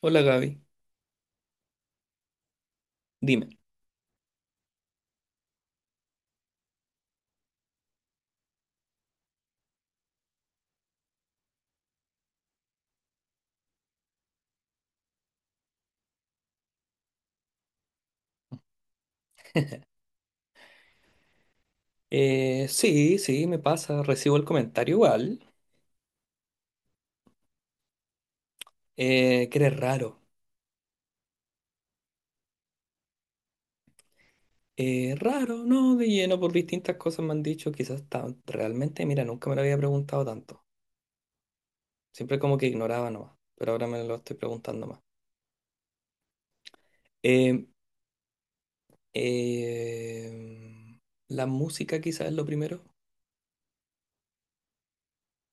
Hola Gaby, dime. Sí, sí, me pasa, recibo el comentario igual, que eres raro. Raro, no, de lleno, por distintas cosas me han dicho, quizás tan, realmente, mira, nunca me lo había preguntado tanto. Siempre como que ignoraba nomás, pero ahora me lo estoy preguntando más. Eh, eh, la música quizás es lo primero.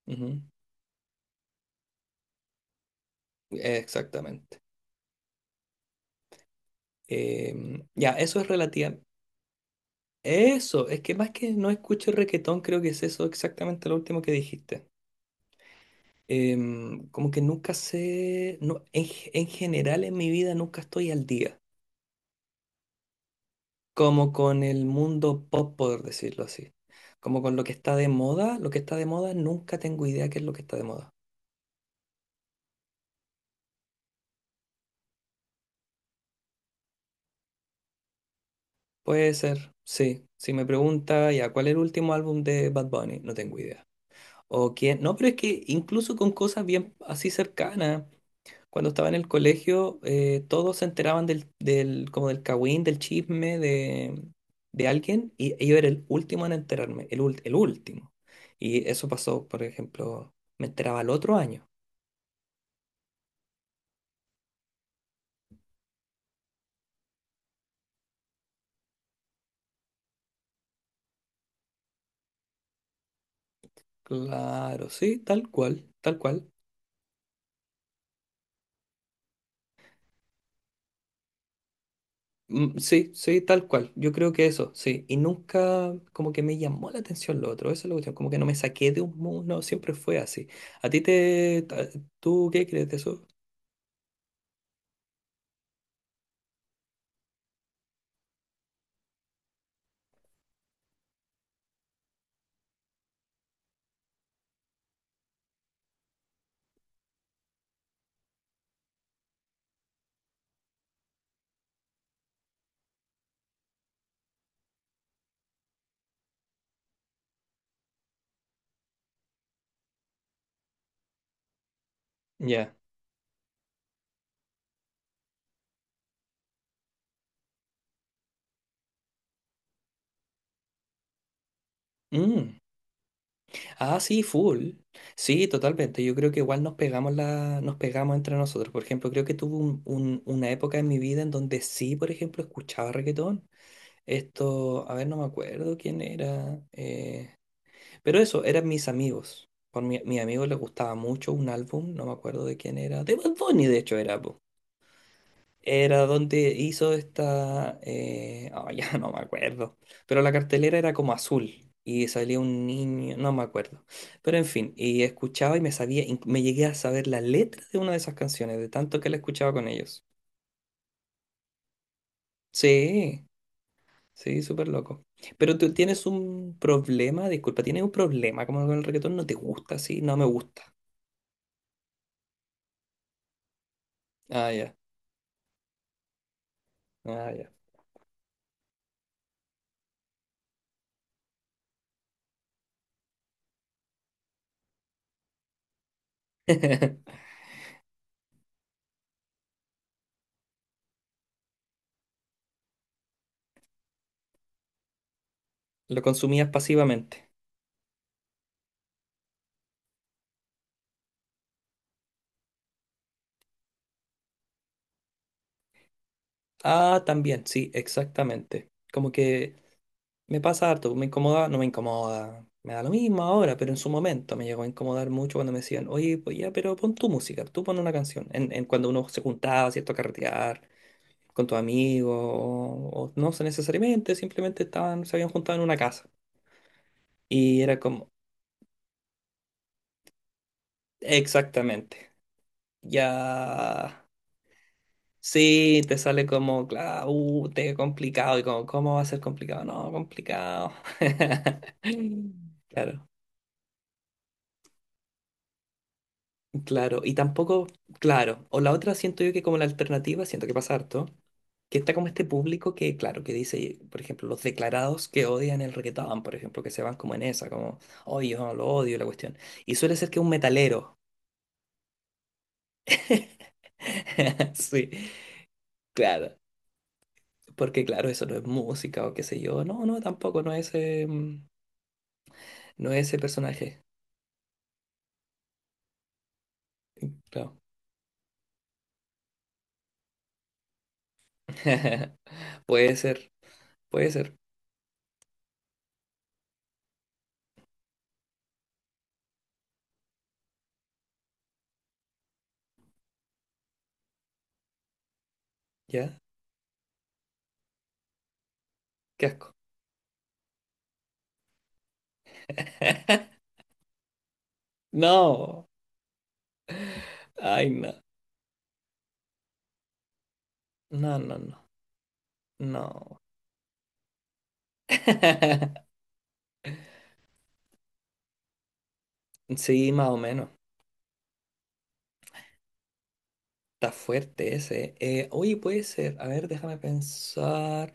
Ujú. Exactamente. Ya, eso es relativa. Eso, es que más que no escucho reggaetón, creo que es eso exactamente lo último que dijiste. Como que nunca sé, no, en general en mi vida nunca estoy al día, como con el mundo pop, por decirlo así, como con lo que está de moda, lo que está de moda nunca tengo idea qué es lo que está de moda. Puede ser, sí, si me pregunta, ya, ¿cuál es el último álbum de Bad Bunny? No tengo idea. O quién, no, pero es que incluso con cosas bien así cercanas. Cuando estaba en el colegio, todos se enteraban como del cagüín, del chisme de alguien, y yo era el último en enterarme, el último. Y eso pasó, por ejemplo, me enteraba el otro año. Claro, sí, tal cual, tal cual. Mm, sí, sí, tal cual. Yo creo que eso, sí. Y nunca como que me llamó la atención lo otro, esa es la cuestión, como que no me saqué de un mundo, siempre fue así. ¿A ti te... ta- ¿Tú qué crees de eso? Ya. Mm. Ah, sí, full. Sí, totalmente. Yo creo que igual nos pegamos la, nos pegamos entre nosotros. Por ejemplo, creo que tuve una época en mi vida en donde sí, por ejemplo, escuchaba reggaetón. Esto, a ver, no me acuerdo quién era. Pero eso, eran mis amigos. Mi amigo le gustaba mucho un álbum, no me acuerdo de quién era. De Bad Bunny, de hecho, era. Era donde hizo esta... ya no me acuerdo. Pero la cartelera era como azul y salía un niño, no me acuerdo. Pero en fin, y escuchaba y me sabía, me llegué a saber la letra de una de esas canciones, de tanto que la escuchaba con ellos. Sí, sí, súper loco. Pero tú tienes un problema, disculpa, tienes un problema como con el reggaetón, no te gusta, sí, no me gusta. Ah, ya, ah, ya. Lo consumías pasivamente. Ah, también, sí, exactamente. Como que... Me pasa harto, me incomoda, no me incomoda, me da lo mismo ahora, pero en su momento me llegó a incomodar mucho cuando me decían, oye, pues ya, pero pon tu música, tú pon una canción. En cuando uno se juntaba, ¿cierto? A carretear con tus amigos, o no sé necesariamente, simplemente estaban, se habían juntado en una casa. Y era como, exactamente, ya, sí, te sale como, claro, te complicado, y como, ¿cómo va a ser complicado? No, complicado. Claro. Claro, y tampoco, claro, o la otra siento yo que como la alternativa, siento que pasa harto, que está como este público que, claro, que dice, por ejemplo, los declarados que odian el reggaetón, por ejemplo, que se van como en esa, como, oye, yo no lo odio, la cuestión. Y suele ser que un metalero, sí, claro, porque claro, eso no es música o qué sé yo, no, no, tampoco, no es, no es ese personaje, claro. Puede ser, puede ser, ¿ya? Qué asco. No, ay, no. No, no, no, no. Sí, más o menos. Está fuerte ese. Oye, puede ser. A ver, déjame pensar.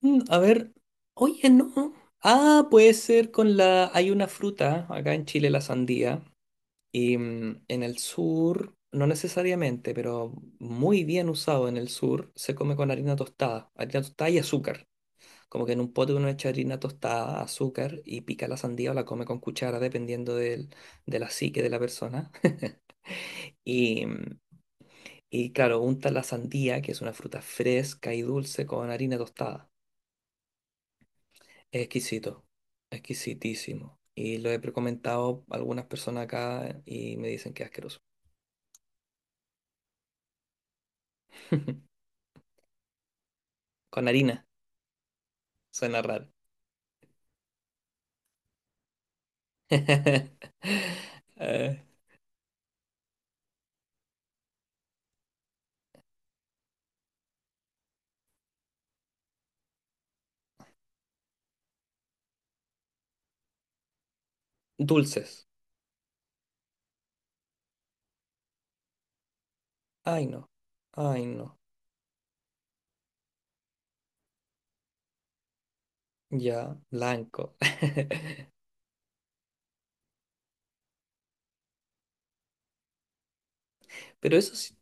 Mm, a ver. Oye, no. Ah, puede ser con la... Hay una fruta acá en Chile, la sandía. Y mm, en el sur, no necesariamente, pero muy bien usado en el sur, se come con harina tostada. Harina tostada y azúcar. Como que en un pote uno echa harina tostada, azúcar y pica la sandía o la come con cuchara, dependiendo del, de la psique de la persona. Y, mm, y claro, unta la sandía, que es una fruta fresca y dulce, con harina tostada. Es exquisito, exquisitísimo. Y lo he comentado a algunas personas acá y me dicen que es asqueroso. Con harina, suena raro. Eh, dulces. Ay, no. Ay, no. Ya, blanco. Pero eso sí,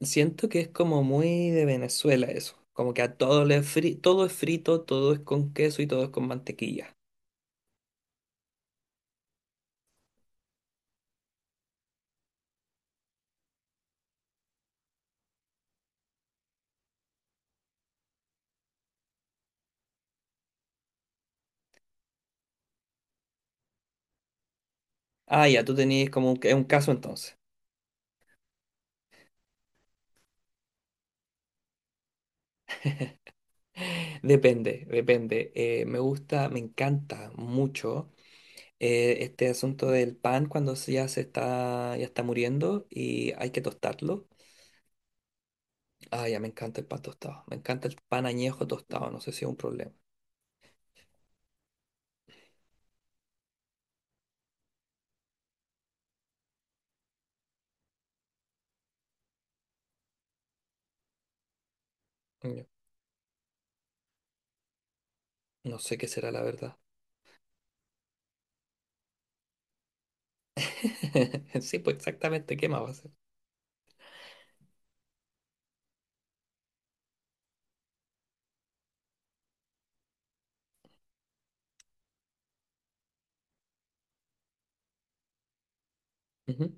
siento que es como muy de Venezuela eso, como que a todo todo es frito, todo es con queso y todo es con mantequilla. Ah, ya, tú tenías como un caso entonces. Depende, depende. Me gusta, me encanta mucho este asunto del pan cuando ya se está, ya está muriendo y hay que tostarlo. Ah, ya, me encanta el pan tostado. Me encanta el pan añejo tostado, no sé si es un problema. Mm, no sé qué será la verdad. Sí, pues exactamente, ¿qué más va a ser? Ujú.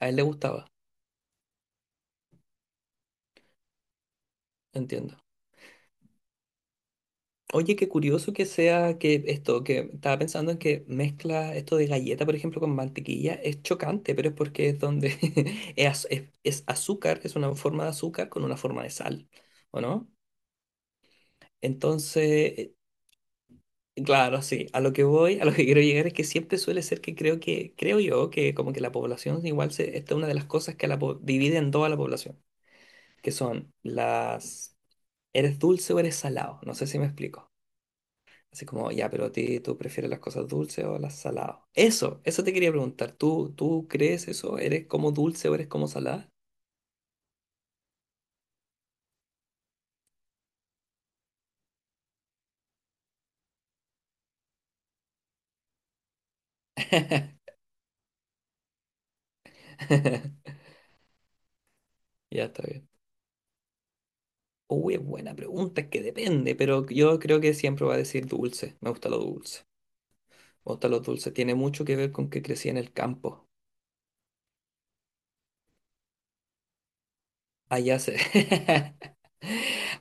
A él le gustaba. Entiendo. Oye, qué curioso que sea que esto, que estaba pensando en que mezcla esto de galleta, por ejemplo, con mantequilla, es chocante, pero es porque es donde es, es azúcar, es una forma de azúcar con una forma de sal, ¿o no? Entonces, claro, sí, a lo que voy, a lo que quiero llegar es que siempre suele ser que, creo yo, que como que la población igual se, esta es una de las cosas que a divide en dos a la población, que son las, ¿eres dulce o eres salado? No sé si me explico. Así como, ya, pero a tú prefieres las cosas dulces o las saladas. Eso te quería preguntar. ¿Tú crees eso? ¿Eres como dulce o eres como salada? Ya está bien. Uy, es buena pregunta, es que depende, pero yo creo que siempre va a decir dulce. Me gusta lo dulce. Me gusta lo dulce. Tiene mucho que ver con que crecí en el campo. Allá se,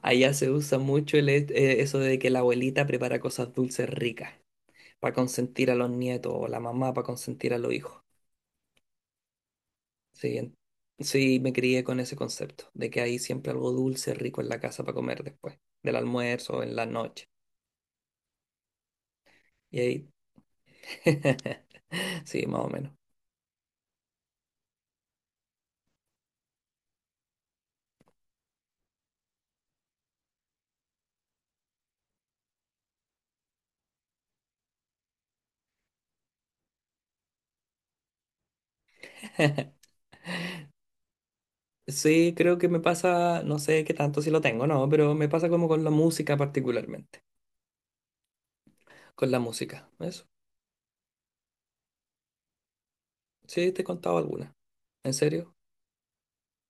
allá se usa mucho eso de que la abuelita prepara cosas dulces ricas para consentir a los nietos o la mamá para consentir a los hijos. Sí, en- sí, me crié con ese concepto, de que hay siempre algo dulce, rico en la casa para comer después, del almuerzo o en la noche. Y ahí, sí, más o menos. Sí, creo que me pasa, no sé qué tanto si lo tengo, no, pero me pasa como con la música particularmente, con la música, eso. Sí, te he contado alguna. ¿En serio?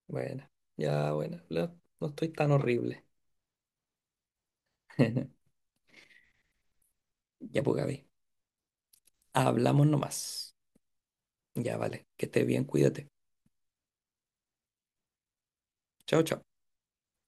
Bueno, ya, bueno, no, no estoy tan horrible. Ya, pues, Gaby, hablamos nomás. Ya, vale, que estés bien, cuídate. Chao, chao.